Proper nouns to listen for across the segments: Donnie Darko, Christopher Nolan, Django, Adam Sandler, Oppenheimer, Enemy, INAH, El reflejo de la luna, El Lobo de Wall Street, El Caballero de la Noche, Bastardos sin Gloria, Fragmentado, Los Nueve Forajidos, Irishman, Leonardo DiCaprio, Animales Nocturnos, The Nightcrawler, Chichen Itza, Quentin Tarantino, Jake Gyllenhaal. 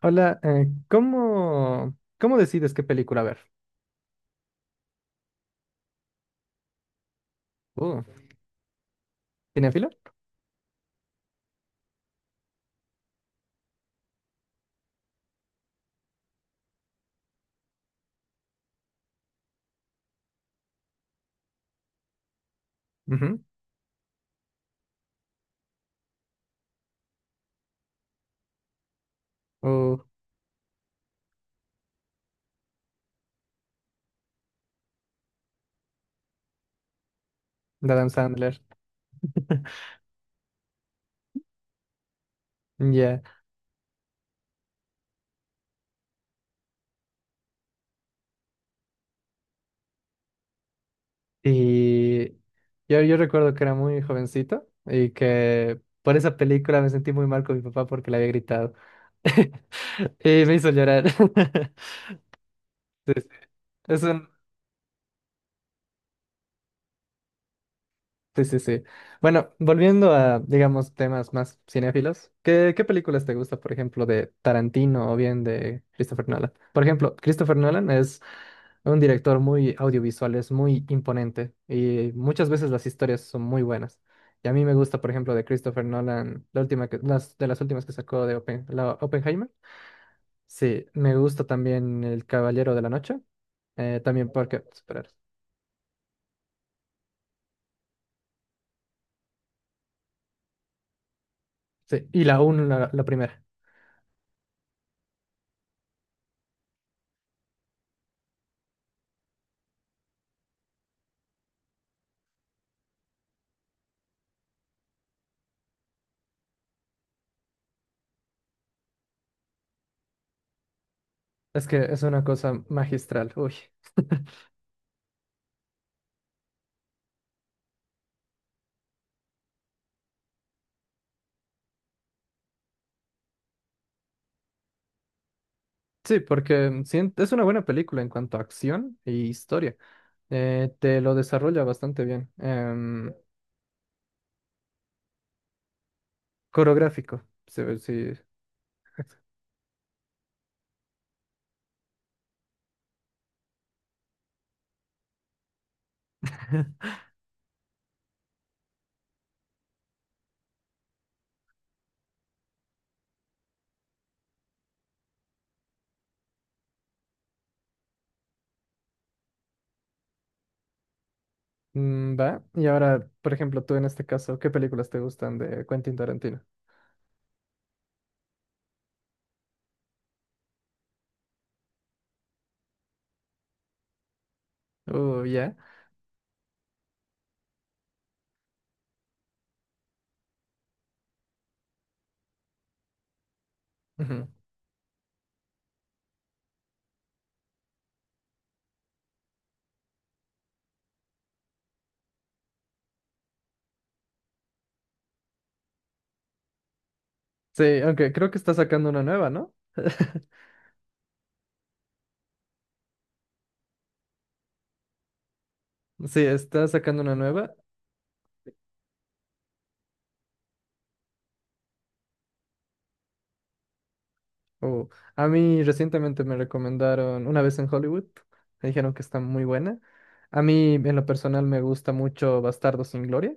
Hola, ¿cómo decides qué película ver? Uh, ¿Cinéfilo? Ujú. Uh, de Adam Sandler. Ya. Y yo recuerdo que era muy jovencito y que por esa película me sentí muy mal con mi papá porque le había gritado. Y me hizo llorar. Sí, sí. Es un- Sí, sí, sí. Bueno, volviendo a, digamos, temas más cinéfilos, ¿qué películas te gusta, por ejemplo, de Tarantino o bien de Christopher Nolan? Por ejemplo, Christopher Nolan es un director muy audiovisual, es muy imponente y muchas veces las historias son muy buenas. Y a mí me gusta, por ejemplo, de Christopher Nolan, las, de las últimas que sacó de la Oppenheimer. Sí, me gusta también El Caballero de la Noche, también porque, pues, esperar, sí, y la 1, la primera. Es que es una cosa magistral, uy. Sí, porque es una buena película en cuanto a acción e historia. Te lo desarrolla bastante bien. Coreográfico, se ve, sí. Va. Y ahora, por ejemplo, tú en este caso, ¿qué películas te gustan de Quentin Tarantino? Oh, ya. Ujú. Sí, aunque creo que está sacando una nueva, ¿no? Sí, está sacando una nueva. Oh, a mí recientemente me recomendaron una vez en Hollywood, me dijeron que está muy buena. A mí en lo personal me gusta mucho Bastardos sin Gloria.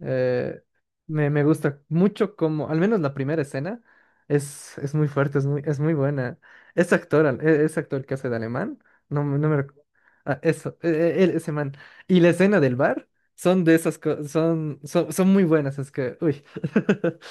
eh, me gusta mucho como, al menos la primera escena, es muy fuerte, es muy buena. Ese actor, ese actor que hace de alemán, no, no me... ah, eso, él, ese man. Y la escena del bar son de esas cosas, son muy buenas, es que, uy.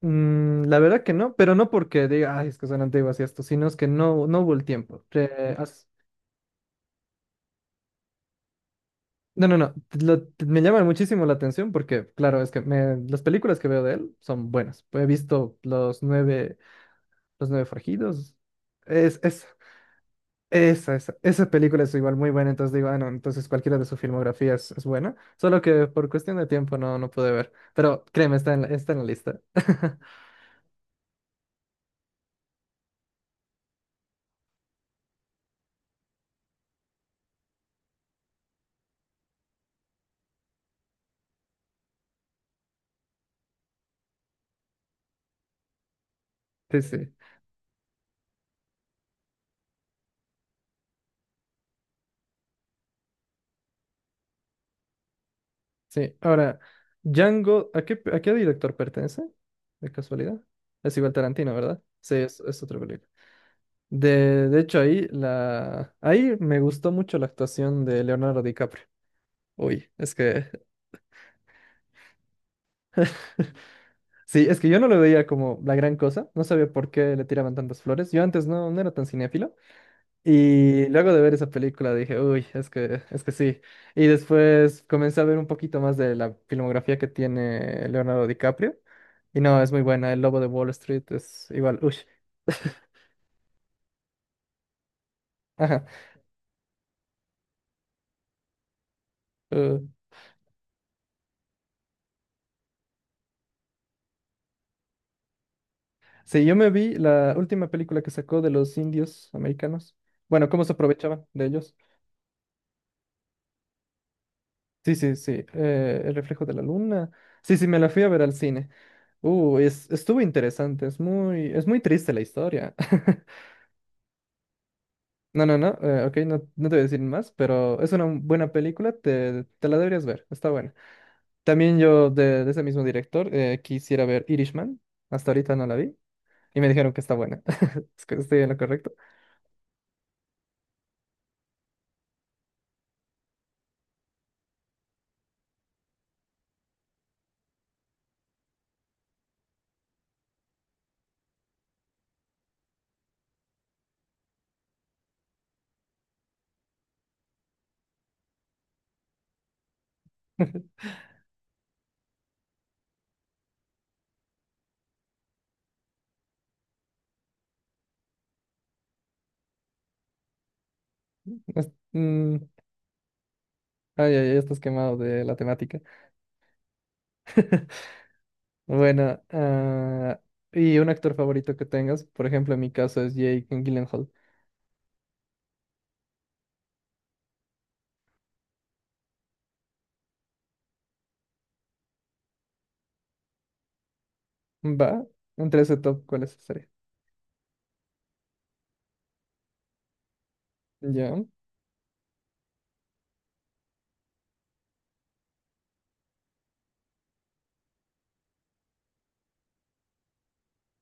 Mm, la verdad que no, pero no porque diga, ay, es que son antiguas y esto, sino es que no, no hubo el tiempo. No, no, no, me llama muchísimo la atención porque, claro, es que las películas que veo de él son buenas. He visto Los Nueve, Los Nueve Forajidos. Es, es, esa, esa película es igual muy buena, entonces digo, ah, no, entonces cualquiera de su filmografía es buena, solo que por cuestión de tiempo no, no pude ver, pero créeme, está en la lista. Sí, sí. Sí, ahora, Django, ¿a qué director pertenece? De casualidad. Es igual Tarantino, ¿verdad? Sí, es otra película. De hecho, ahí, la, ahí me gustó mucho la actuación de Leonardo DiCaprio. Uy, es que... Sí, es que yo no lo veía como la gran cosa. No sabía por qué le tiraban tantas flores. Yo antes no, no era tan cinéfilo. Y luego de ver esa película dije, uy, es que sí. Y después comencé a ver un poquito más de la filmografía que tiene Leonardo DiCaprio. Y no, es muy buena. El Lobo de Wall Street es igual, uy. Ajá. uh, sí, yo me vi la última película que sacó de los indios americanos. Bueno, cómo se aprovechaban de ellos. Sí, sí, sí. El reflejo de la luna. Sí, sí, me la fui a ver al cine. Es, estuvo interesante. Es muy triste la historia. No, no, no, ok, no, no te voy a decir más, pero es una buena película, te la deberías ver, está buena. También yo de ese mismo director quisiera ver Irishman, hasta ahorita no la vi y me dijeron que está buena. Es que estoy en lo correcto. Es- mm, Ay, ay, ay, estás quemado de la temática. Bueno, ah, y un actor favorito que tengas, por ejemplo, en mi caso es Jake Gyllenhaal. Va, entre ese top, ¿cuál es sería? Ya.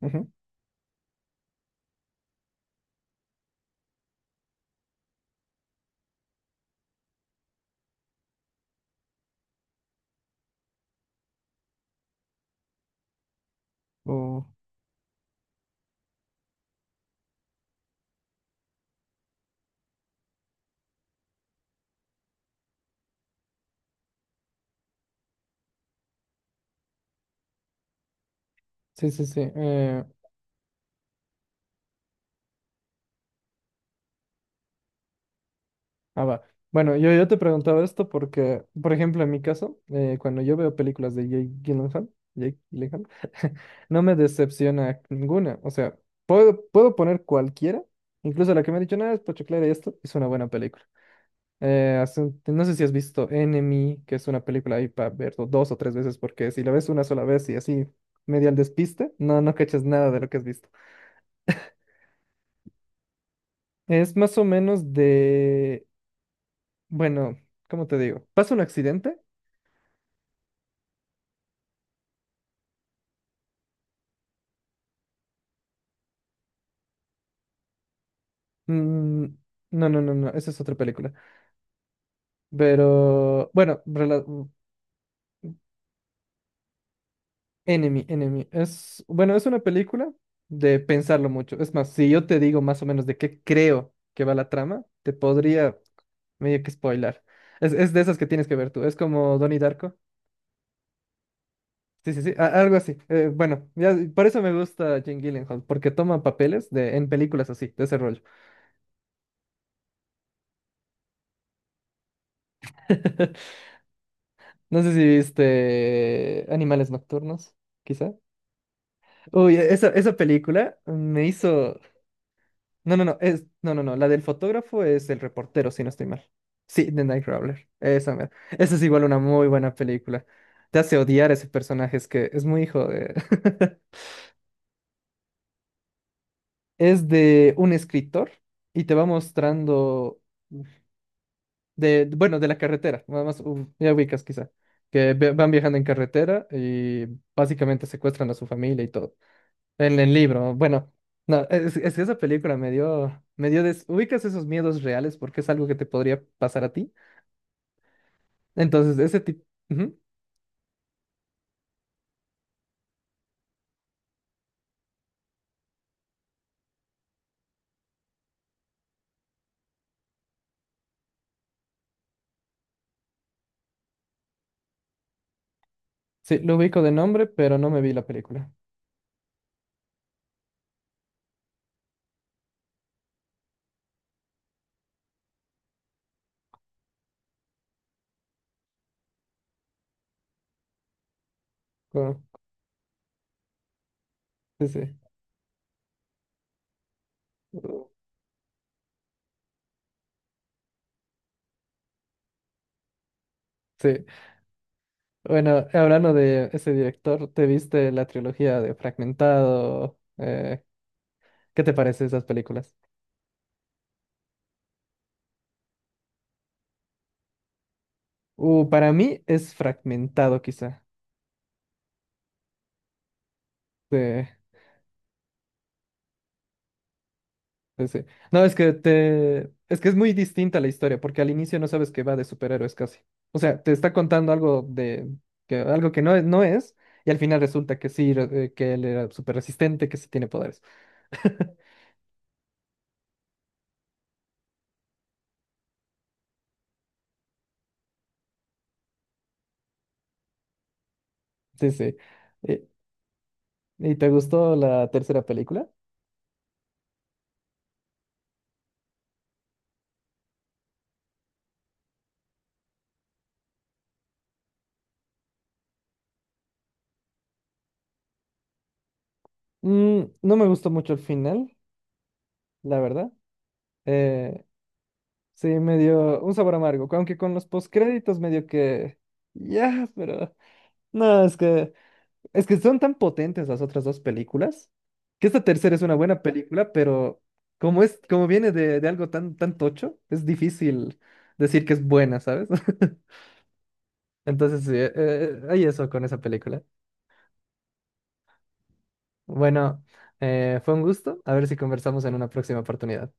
Ujú. Oh, sí, sí, sí. Ah, va. Bueno, yo te preguntaba esto porque, por ejemplo, en mi caso, cuando yo veo películas de Jake Gyllenhaal, Jake Gyllenhaal, no me decepciona ninguna. O sea, puedo poner cualquiera, incluso la que me ha dicho, nada, es pochoclera y esto, es una buena película. No sé si has visto Enemy, que es una película ahí para ver dos o tres veces, porque si la ves una sola vez y así medio al despiste, no cachas nada de lo que has visto. Es más o menos de, bueno, ¿cómo te digo? Pasa un accidente. Mm, no, no, no, no, esa es otra película. Pero, bueno, Enemy, Enemy. Es, bueno, es una película de pensarlo mucho. Es más, si yo te digo más o menos de qué creo que va la trama, te podría medio que spoilar. Es de esas que tienes que ver tú. Es como Donnie Darko. Sí, sí, sí, algo así. Bueno, ya, por eso me gusta Jane Gyllenhaal, porque toma papeles de, en películas así, de ese rollo. No sé si viste Animales Nocturnos, quizá. Uy, esa película me hizo. No, no, no, es... no, no, no. La del fotógrafo es el reportero, si no estoy mal. Sí, The Nightcrawler. Esa, mera. Esa es igual una muy buena película. Te hace odiar a ese personaje, es que es muy hijo de. Es de un escritor y te va mostrando de, bueno, de la carretera, nada más ya ubicas quizá, que van viajando en carretera y básicamente secuestran a su familia y todo. El libro, bueno, no, es que esa película me dio, ubicas esos miedos reales porque es algo que te podría pasar a ti. Entonces, ese tipo, sí, lo ubico de nombre, pero no me vi la película. Co- Sí, sí. Uh, sí. Bueno, hablando de ese director, ¿te viste la trilogía de Fragmentado? ¿Qué te parece esas películas? Para mí es Fragmentado, quizá. Sí. Sí, sí. No, es que te... es que es muy distinta la historia, porque al inicio no sabes que va de superhéroes casi. O sea, te está contando algo de que algo que no es, no es, y al final resulta que sí, que él era súper resistente, que sí tiene poderes. Sí, sí. ¿Y, y te gustó la tercera película? Mm, no me gustó mucho el final, la verdad. Eh, sí, me dio un sabor amargo, aunque con los postcréditos medio que... Ya, pero... No, es que... Es que son tan potentes las otras dos películas, que esta tercera es una buena película, pero como es, como viene de algo tan, tan tocho, es difícil decir que es buena, ¿sabes? Entonces, sí, hay eso con esa película. Bueno, fue un gusto. A ver si conversamos en una próxima oportunidad.